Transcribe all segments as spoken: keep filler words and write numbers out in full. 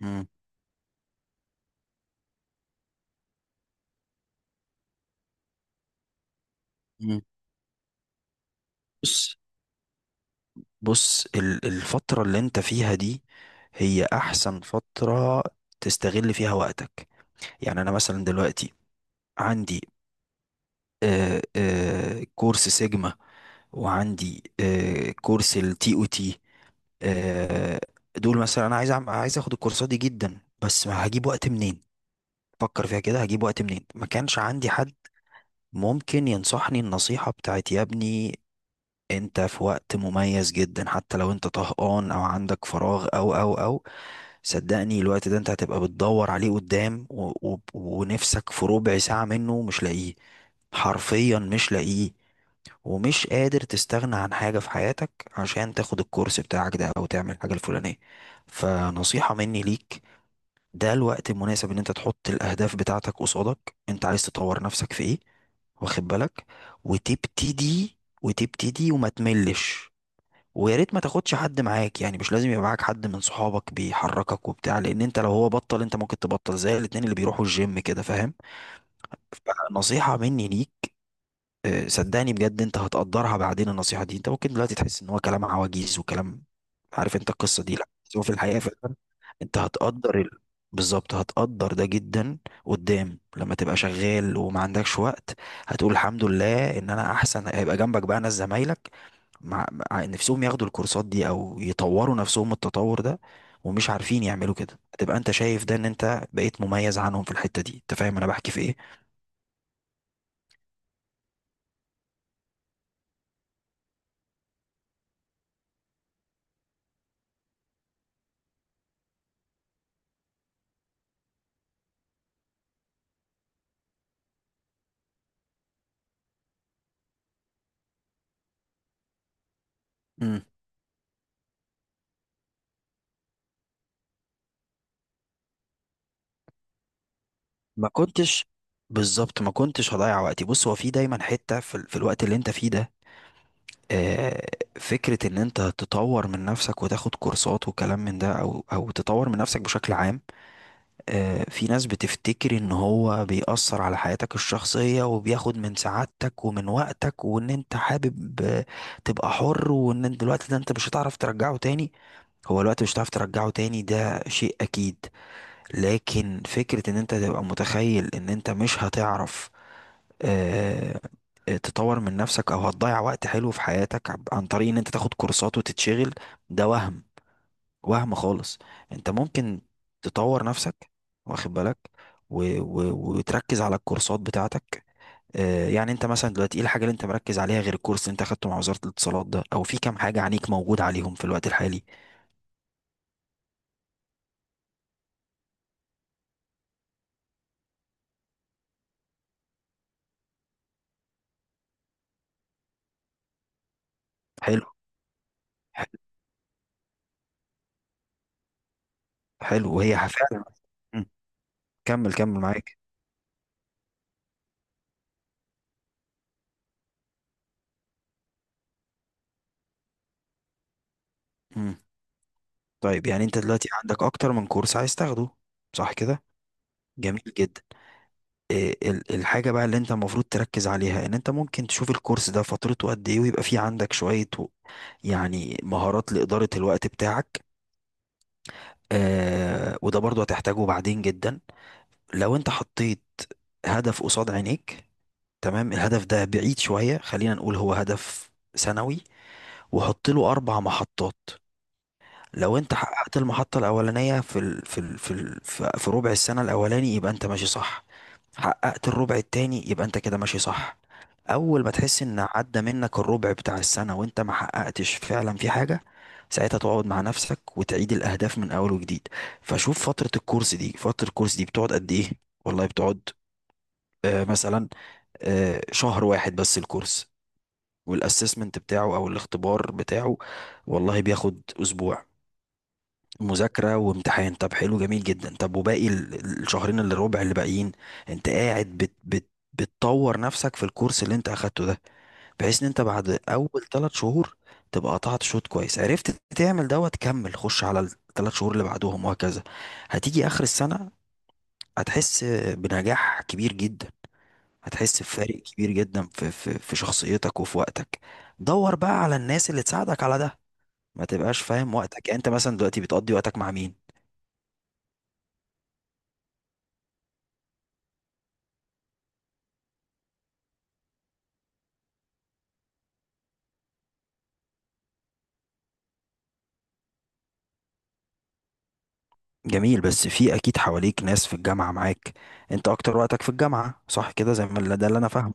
مم. مم. بص بص ال- الفترة اللي انت فيها دي، هي احسن فترة تستغل فيها وقتك. يعني انا مثلا دلوقتي عندي، آه آه كورس سيجما، وعندي آه كورس التي او تي. آه دول مثلا انا عايز أعم- عايز اخد الكورسات دي جدا، بس ما هجيب وقت منين؟ فكر فيها كده، هجيب وقت منين؟ ما كانش عندي حد ممكن ينصحني النصيحة بتاعت: يا ابني، انت في وقت مميز جدا، حتى لو انت طهقان او عندك فراغ او او او صدقني الوقت ده انت هتبقى بتدور عليه قدام، و و ونفسك في ربع ساعة منه مش لاقيه، حرفيا مش لاقيه. ومش قادر تستغنى عن حاجة في حياتك عشان تاخد الكورس بتاعك ده او تعمل الحاجة الفلانية. فنصيحة مني ليك، ده الوقت المناسب ان انت تحط الاهداف بتاعتك قصادك، انت عايز تطور نفسك في ايه. واخد بالك، وتبتدي وتبتدي وما تملش. ويا ريت ما تاخدش حد معاك، يعني مش لازم يبقى معاك حد من صحابك بيحركك وبتاع، لان انت لو هو بطل انت ممكن تبطل، زي الاتنين اللي بيروحوا الجيم، كده فاهم. فنصيحة مني ليك، آه، صدقني بجد انت هتقدرها بعدين، النصيحة دي انت ممكن دلوقتي تحس ان هو كلام عواجيز وكلام، عارف انت القصة دي، لا بس هو في الحقيقة فعلا، انت هتقدر ال... بالظبط هتقدر ده جدا قدام، لما تبقى شغال وما عندكش وقت هتقول الحمد لله ان انا احسن. هيبقى جنبك بقى ناس زمايلك مع مع نفسهم ياخدوا الكورسات دي او يطوروا نفسهم التطور ده، ومش عارفين يعملوا كده، هتبقى انت شايف ده ان انت بقيت مميز عنهم في الحتة دي. انت فاهم انا بحكي في ايه؟ امم ما كنتش، بالظبط ما كنتش هضيع وقتي. بص هو في دايما حتة في, ال- في الوقت اللي انت فيه ده، آه، فكرة ان انت تطور من نفسك وتاخد كورسات وكلام من ده، او او تطور من نفسك بشكل عام. آه، في ناس بتفتكر ان هو بيأثر على حياتك الشخصية وبياخد من سعادتك ومن وقتك، وان انت حابب آه، تبقى حر، وان انت الوقت ده انت مش هتعرف ترجعه تاني. هو الوقت مش هتعرف ترجعه تاني، ده شيء اكيد. لكن فكرة ان انت تبقى متخيل ان انت مش هتعرف آه، تطور من نفسك او هتضيع وقت حلو في حياتك عن طريق ان انت تاخد كورسات وتتشغل، ده وهم، وهم خالص. انت ممكن تطور نفسك، واخد بالك، و... و... وتركز على الكورسات بتاعتك. آه يعني انت مثلا دلوقتي ايه الحاجه اللي انت مركز عليها غير الكورس اللي انت اخدته مع وزاره الاتصالات ده؟ او في كام حاجه عنيك موجود عليهم في الوقت الحالي؟ حلو ح- حلو وهي فعلا. مم. كمل كمل معاك. مم. طيب يعني انت دلوقتي عندك اكتر من كورس عايز تاخده، صح كده؟ جميل جدا. إيه ال- الحاجة بقى اللي انت المفروض تركز عليها ان انت ممكن تشوف الكورس ده فترته قد ايه، ويبقى فيه عندك شوية و- يعني مهارات لإدارة الوقت بتاعك. آه وده برضو هتحتاجه بعدين جدا. لو انت حطيت هدف قصاد عينيك، تمام. الهدف ده بعيد شوية، خلينا نقول هو هدف سنوي، وحط له أربع محطات. لو انت حققت المحطة الأولانية في ال... في ال... في ال... في في ربع السنة الأولاني يبقى انت ماشي صح. حققت الربع التاني يبقى انت كده ماشي صح. أول ما تحس ان عدى منك الربع بتاع السنة وانت ما حققتش فعلا في حاجة، ساعتها تقعد مع نفسك وتعيد الأهداف من أول وجديد. فشوف فترة الكورس دي، فترة الكورس دي بتقعد قد إيه؟ والله بتقعد آه مثلا آه شهر واحد بس الكورس، والاسسمنت بتاعه او الاختبار بتاعه والله بياخد اسبوع مذاكرة وامتحان. طب حلو جميل جدا. طب وباقي ال- ال- الشهرين اللي ربع اللي باقيين انت قاعد بت بت بتطور نفسك في الكورس اللي انت اخدته ده، بحيث ان انت بعد اول ثلاث شهور تبقى قطعت شوط كويس، عرفت تعمل دوت، كمل خش على الثلاث شهور اللي بعدهم وهكذا. هتيجي اخر السنة هتحس بنجاح كبير جدا. هتحس بفارق كبير جدا في في في شخصيتك وفي وقتك. دور بقى على الناس اللي تساعدك على ده. ما تبقاش فاهم وقتك، يعني انت مثلا دلوقتي بتقضي وقتك مع مين؟ جميل، بس في اكيد حواليك ناس في الجامعة معاك. انت اكتر وقتك في الجامعة صح كده، زي ما اللي- ده اللي انا فاهمه.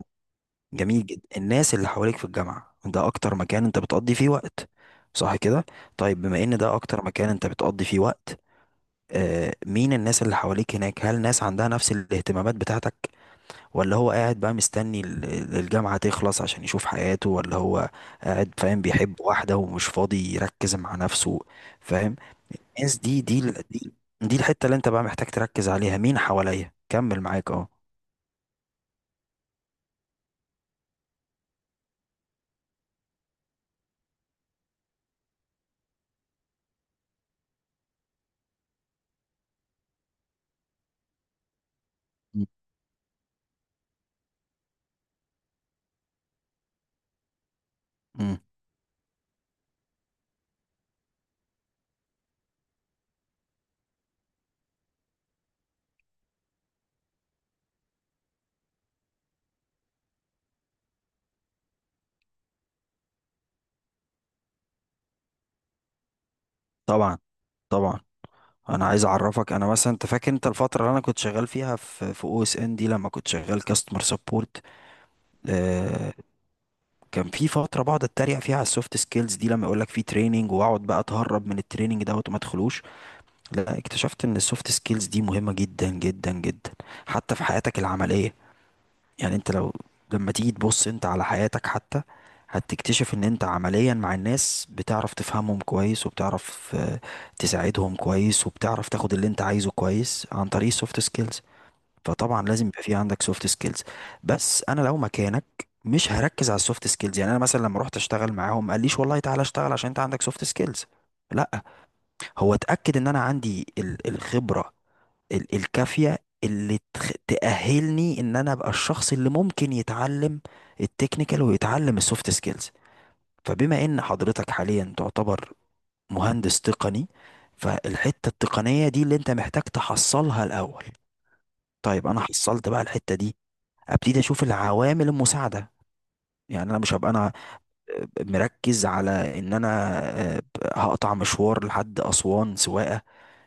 جميل جدا. الناس اللي حواليك في الجامعة ده اكتر مكان انت بتقضي فيه وقت، صح كده؟ طيب بما ان ده اكتر مكان انت بتقضي فيه وقت، آه مين الناس اللي حواليك هناك؟ هل ناس عندها نفس الاهتمامات بتاعتك، ولا هو قاعد بقى مستني ال- ال- الجامعة تخلص عشان يشوف حياته، ولا هو قاعد فاهم بيحب واحدة ومش فاضي يركز مع نفسه. فاهم؟ الناس دي، دي ال- دي دي الحتة اللي انت بقى محتاج تركز عليها، مين حواليا. كمل معاك. اه م- م. طبعا طبعا. انا عايز اعرفك، انا مثلا انت فاكر انت الفترة اللي انا كنت شغال فيها في في او اس ان دي، لما كنت شغال كاستمر سبورت، آه كان في فترة بقعد اتريق فيها على السوفت سكيلز دي، لما يقول لك في تريننج واقعد بقى اتهرب من التريننج دوت وما ادخلوش. لا، اكتشفت ان السوفت سكيلز دي مهمة جدا جدا جدا، حتى في حياتك العملية. يعني انت لو لما تيجي تبص انت على حياتك حتى هتكتشف ان انت عمليا مع الناس بتعرف تفهمهم كويس، وبتعرف آه، تساعدهم كويس، وبتعرف تاخد اللي انت عايزه كويس عن طريق السوفت سكيلز. فطبعا لازم يبقى في عندك سوفت سكيلز. بس انا لو مكانك مش هركز على السوفت سكيلز. يعني انا مثلا لما رحت اشتغل معاهم ما قاليش والله تعالى اشتغل عشان انت عندك سوفت سكيلز، لا، هو اتاكد ان انا عندي ال- الخبره ال- الكافية اللي تخ- تأهلني ان انا ابقى الشخص اللي ممكن يتعلم التكنيكال ويتعلم السوفت سكيلز. فبما ان حضرتك حاليا تعتبر مهندس تقني، فالحتة التقنية دي اللي انت محتاج تحصلها الاول. طيب انا حصلت بقى الحتة دي، ابتدي اشوف العوامل المساعدة. يعني انا مش هبقى انا آه، مركز على ان انا آه، هقطع مشوار لحد اسوان سواقة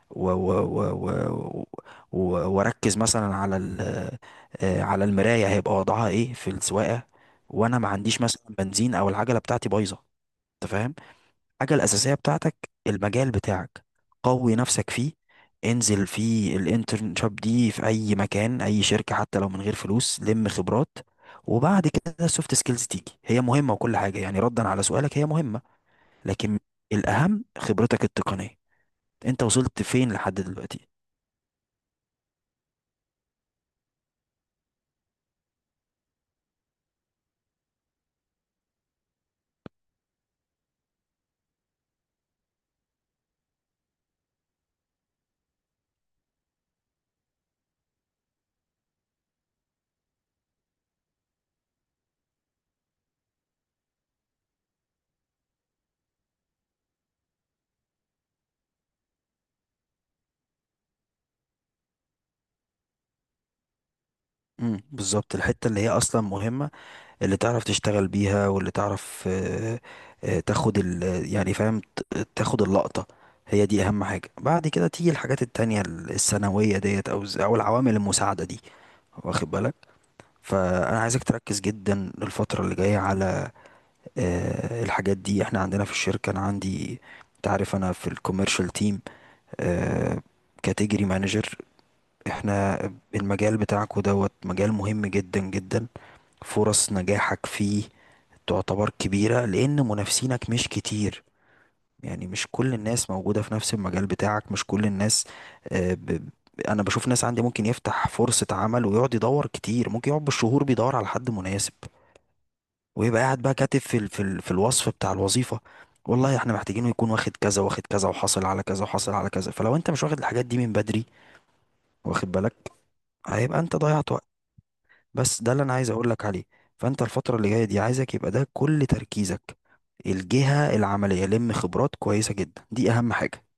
و و و و و- واركز مثلا على ال آه، على المرايه هيبقى وضعها ايه في السواقه، وانا ما عنديش مثلا بنزين او العجله بتاعتي بايظه. انت فاهم؟ الحاجه الاساسيه بتاعتك المجال بتاعك، قوي نفسك فيه. انزل في الانترنشاب دي في اي مكان اي شركه، حتى لو من غير فلوس، لم خبرات. وبعد كده السوفت سكيلز تيجي، هي مهمه وكل حاجه، يعني ردا على سؤالك هي مهمه، لكن الاهم خبرتك التقنيه، انت وصلت فين لحد دلوقتي. امم، بالظبط الحتة اللي هي أصلا مهمة، اللي تعرف تشتغل بيها واللي تعرف آه، آه، تاخد ال يعني فاهم ت- تاخد اللقطة. هي دي أهم حاجة، بعد كده تيجي الحاجات التانية ال- الثانوية ديت أو ز- أو العوامل المساعدة دي. واخد بالك. فأنا عايزك تركز جدا الفترة اللي جاية على آه، الحاجات دي. احنا عندنا في الشركة أنا عندي، تعرف أنا في الكوميرشال تيم كاتيجري مانجر، احنا المجال بتاعكو دوت مجال مهم جدا جدا. فرص نجاحك فيه تعتبر كبيرة لأن منافسينك مش كتير، يعني مش كل الناس موجودة في نفس المجال بتاعك، مش كل الناس، آه، ب... أنا بشوف ناس عندي ممكن يفتح فرصة عمل ويقعد يدور كتير، ممكن يقعد بالشهور بيدور على حد مناسب، ويبقى قاعد بقى كاتب في ال... في ال... في الوصف بتاع الوظيفة، والله احنا محتاجينه يكون واخد كذا واخد كذا وحاصل على كذا وحاصل على كذا. فلو انت مش واخد الحاجات دي من بدري، واخد بالك، هيبقى انت ضيعت وقت. بس ده اللي انا عايز اقول لك عليه. فانت الفتره اللي جايه دي عايزك يبقى ده كل تركيزك، الجهه العمليه لم خبرات كويسه جدا، دي اهم حاجه.